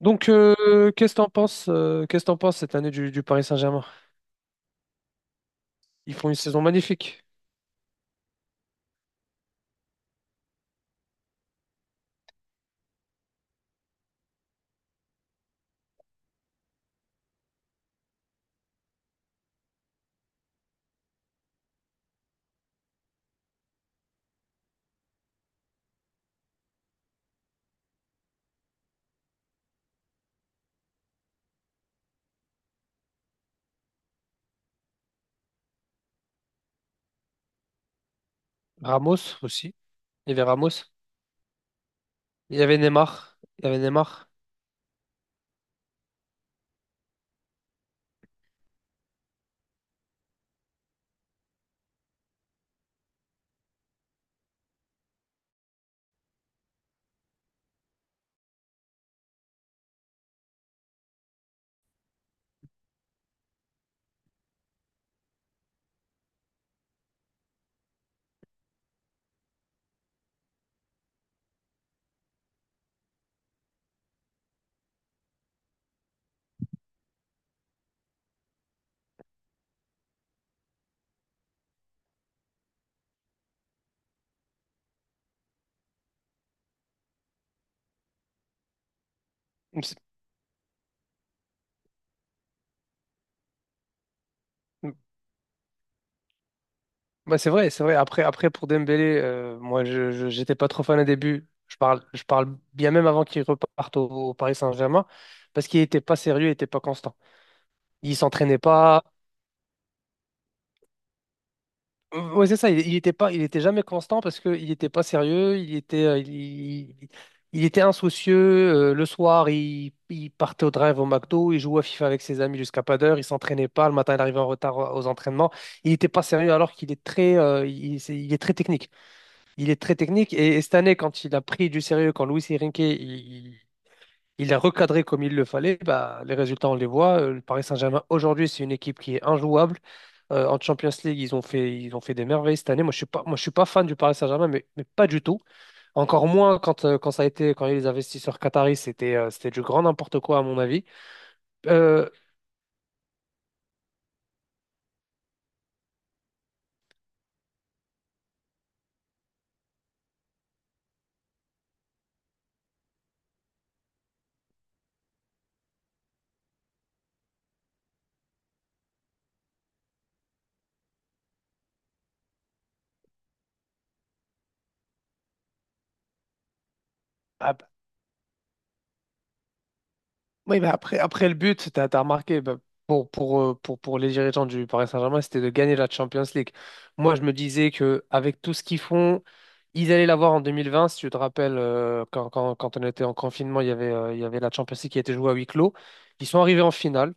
Donc, qu'est-ce que t'en penses cette année du Paris Saint-Germain? Ils font une saison magnifique. Ramos aussi. Il y avait Ramos. Il y avait Neymar. Il y avait Neymar. C'est bah, c'est vrai, c'est vrai. Après, pour Dembélé, moi, j'étais pas trop fan au début. Je parle bien même avant qu'il reparte au Paris Saint-Germain parce qu'il était pas sérieux, il était pas constant. Il s'entraînait pas. Mmh, ouais, c'est ça. Il était jamais constant parce qu'il n'était pas sérieux. Il- il était insoucieux. Le soir, il partait au drive au McDo. Il jouait à FIFA avec ses amis jusqu'à pas d'heure. Il s'entraînait pas. Le matin, il arrivait en retard aux entraînements. Il n'était pas sérieux alors qu'il est très technique. Il est très technique. Et cette année, quand il a pris du sérieux, quand Luis Enrique, il l'a recadré comme il le fallait, bah, les résultats, on les voit. Le Paris Saint-Germain aujourd'hui, c'est une équipe qui est injouable. En Champions League, ils ont fait des merveilles cette année. Moi, je suis pas fan du Paris Saint-Germain, mais pas du tout. Encore moins quand il y a eu les investisseurs qataris, c'était du grand n'importe quoi, à mon avis. Euh, ah, bah, oui, mais après le but, tu as remarqué, bah, pour les dirigeants du Paris Saint-Germain, c'était de gagner la Champions League. Moi, je me disais que avec tout ce qu'ils font, ils allaient l'avoir en 2020. Si tu te rappelles, quand on était en confinement, il y avait la Champions League qui était jouée à huis clos. Ils sont arrivés en finale.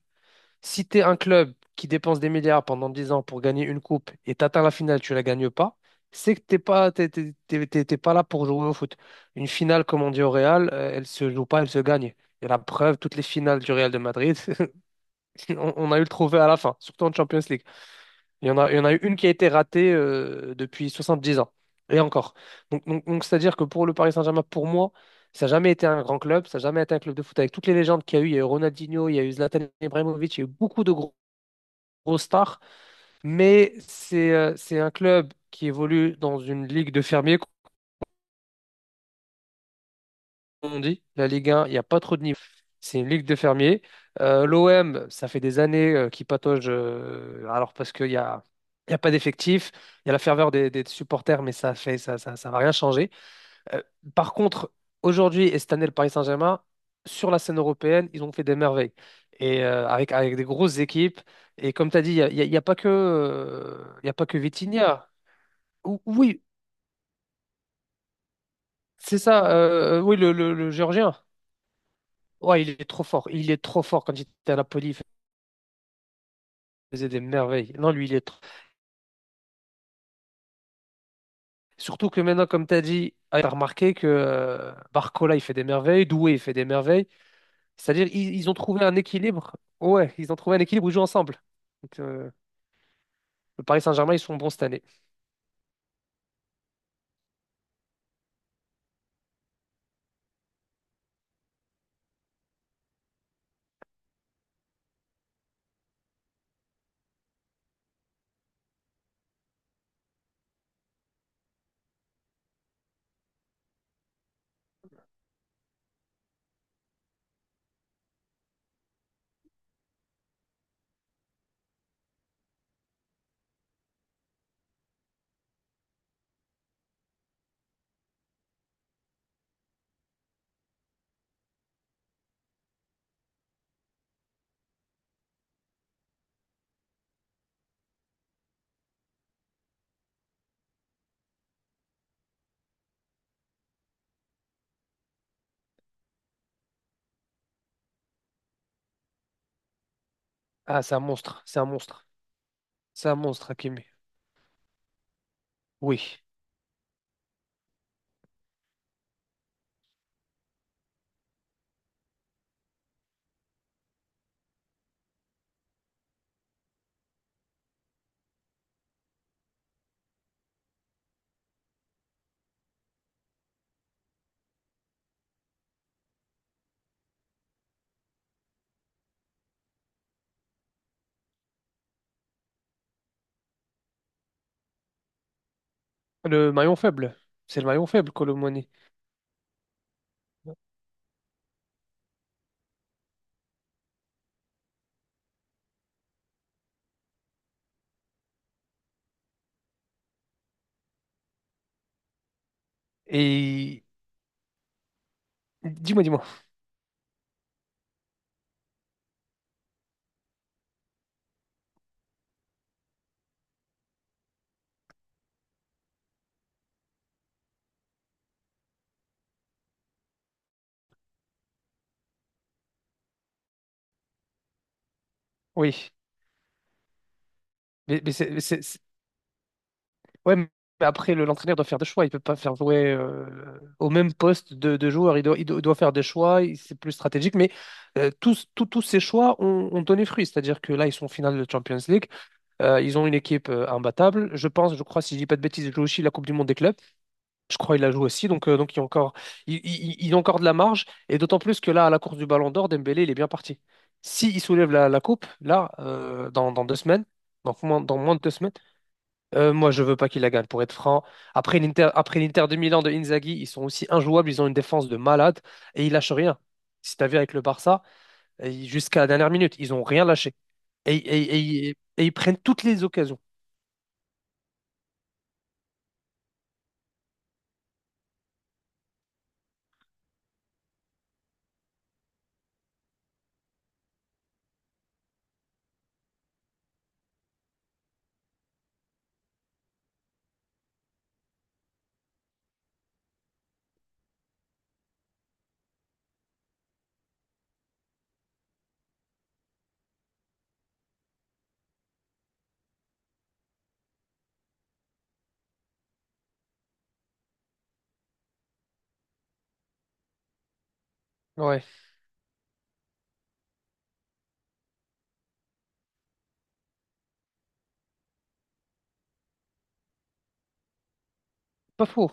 Si tu es un club qui dépense des milliards pendant 10 ans pour gagner une coupe et t'atteins la finale, tu la gagnes pas, c'est que t'es pas, t'es, t'es- t'es- t'es- t'es pas là pour jouer au foot. Une finale, comme on dit au Real, elle se joue pas, elle se gagne. Et la preuve, toutes les finales du Real de Madrid, on a eu le trophée à la fin, surtout en Champions League. Il y en a, il y en a eu une qui a été ratée depuis 10 ans. Et encore. Donc, c'est-à-dire que pour le Paris Saint-Germain, pour moi, ça n'a jamais été un grand club, ça n'a jamais été un club de foot avec toutes les légendes qu'il y a eu. Il y a eu Ronaldinho, il y a eu Zlatan Ibrahimovic, il y a eu beaucoup de grosse star, mais c'est un club qui évolue dans une ligue de fermiers, comme on dit. La Ligue 1, il n'y a pas trop de niveau. C'est une ligue de fermiers. L'OM, ça fait des années qu'il patauge, alors parce qu'il y a pas d'effectif, il y a la ferveur des supporters, mais ça fait ça, ça, ça va rien changer. Euh, par contre, aujourd'hui et cette année, le Paris Saint-Germain, sur la scène européenne, ils ont fait des merveilles. Et avec des grosses équipes. Et comme tu as dit, il n'y a, il y a- il y a pas que, il y a pas que Vitinha. Oui, c'est ça. Oui, le Géorgien. Ouais, il est trop fort. Il est trop fort quand il était à Napoli. Il faisait des merveilles. Non, lui, il est trop. Surtout que maintenant, comme tu as dit, tu as remarqué que Barcola, il fait des merveilles, Doué, il fait des merveilles. C'est-à-dire, ils ont trouvé un équilibre. Ouais, ils ont trouvé un équilibre, où ils jouent ensemble. Donc, le Paris Saint-Germain, ils sont bons cette année. Ah, c'est un monstre, c'est un monstre. C'est un monstre, Hakimi. Oui. Le maillon faible. C'est le maillon faible, Colomoni. Et dis-moi, dis-moi. Oui. Mais c'est- ouais, mais après, l'entraîneur doit faire des choix. Il peut pas faire jouer au même poste de joueurs. Il doit faire des choix. C'est plus stratégique. Mais tous ces choix ont donné fruit. C'est-à-dire que là, ils sont en finale de Champions League. Ils ont une équipe imbattable. Je pense, je crois, si je dis pas de bêtises, ils jouent aussi la Coupe du Monde des clubs. Je crois qu'il la joue aussi. Donc, il y a encore, il a encore de la marge. Et d'autant plus que là, à la course du Ballon d'Or, Dembélé, il est bien parti. Si il soulève la, la coupe, là, dans 2 semaines, donc dans moins de 2 semaines, moi, je veux pas qu'il la gagne, pour être franc. Après l'Inter de Milan de Inzaghi, ils sont aussi injouables, ils ont une défense de malade et ils lâchent rien. Si t'as vu avec le Barça, jusqu'à la dernière minute, ils ont rien lâché. Et, et- et- et- et ils prennent toutes les occasions. Ouais, pas faux.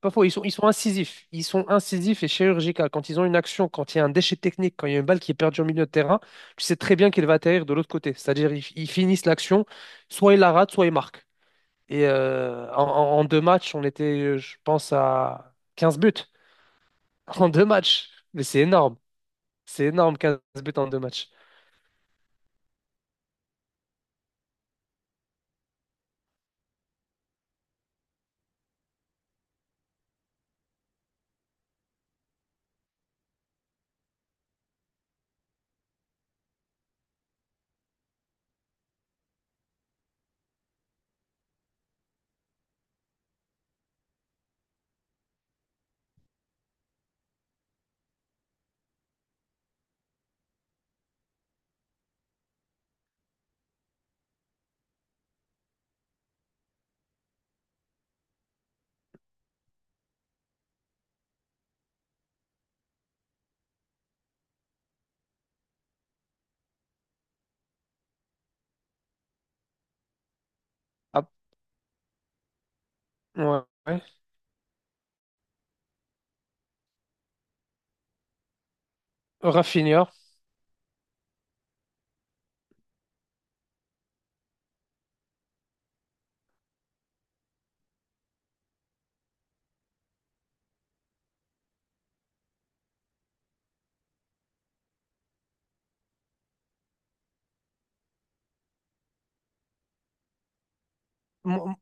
Pas faux, ils sont incisifs. Ils sont incisifs et chirurgicaux. Quand ils ont une action, quand il y a un déchet technique, quand il y a une balle qui est perdue au milieu de terrain, tu sais très bien qu'il va atterrir de l'autre côté. C'est-à-dire, ils finissent l'action, soit ils la ratent, soit ils marquent. Et en deux matchs, on était, je pense, à 15 buts en deux matchs. Mais c'est énorme. C'est énorme, 15 buts en deux matchs. Ah, ouais, ouais. Rafinha. Mon-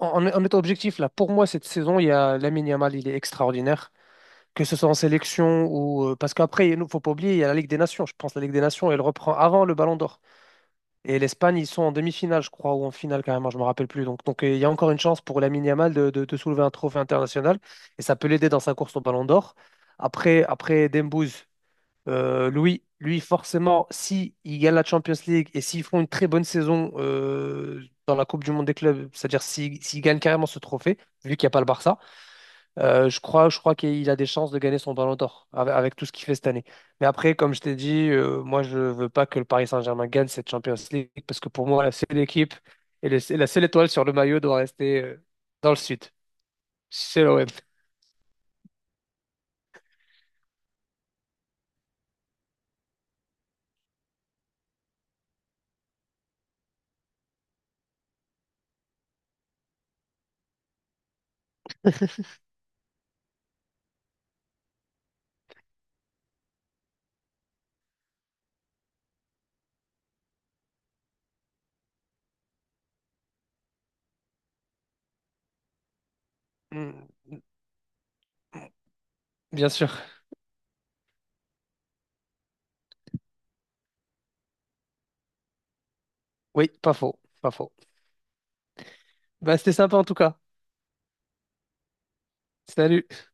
en étant objectif, là, pour moi, cette saison, il y a Lamine Yamal, il est extraordinaire. Que ce soit en sélection ou. Parce qu'après, il ne faut pas oublier, il y a la Ligue des Nations. Je pense que la Ligue des Nations, elle reprend avant le Ballon d'Or. Et l'Espagne, ils sont en demi-finale, je crois, ou en finale carrément, je ne me rappelle plus. Donc, il y a encore une chance pour Lamine Yamal de soulever un trophée international et ça peut l'aider dans sa course au Ballon d'Or. Après, Dembouz, lui, forcément, si il gagne la Champions League et s'ils font une très bonne saison dans la Coupe du Monde des clubs, c'est-à-dire s'il gagne carrément ce trophée, vu qu'il n'y a pas le Barça, je crois qu'il a des chances de gagner son Ballon d'Or avec tout ce qu'il fait cette année. Mais après, comme je t'ai dit, moi, je veux pas que le Paris Saint-Germain gagne cette Champions League parce que pour moi, la seule équipe et la seule étoile sur le maillot doit rester dans le sud. C'est l'OM. Mm, bien sûr. Oui, pas faux, pas faux. Bah, c'était sympa en tout cas. Salut.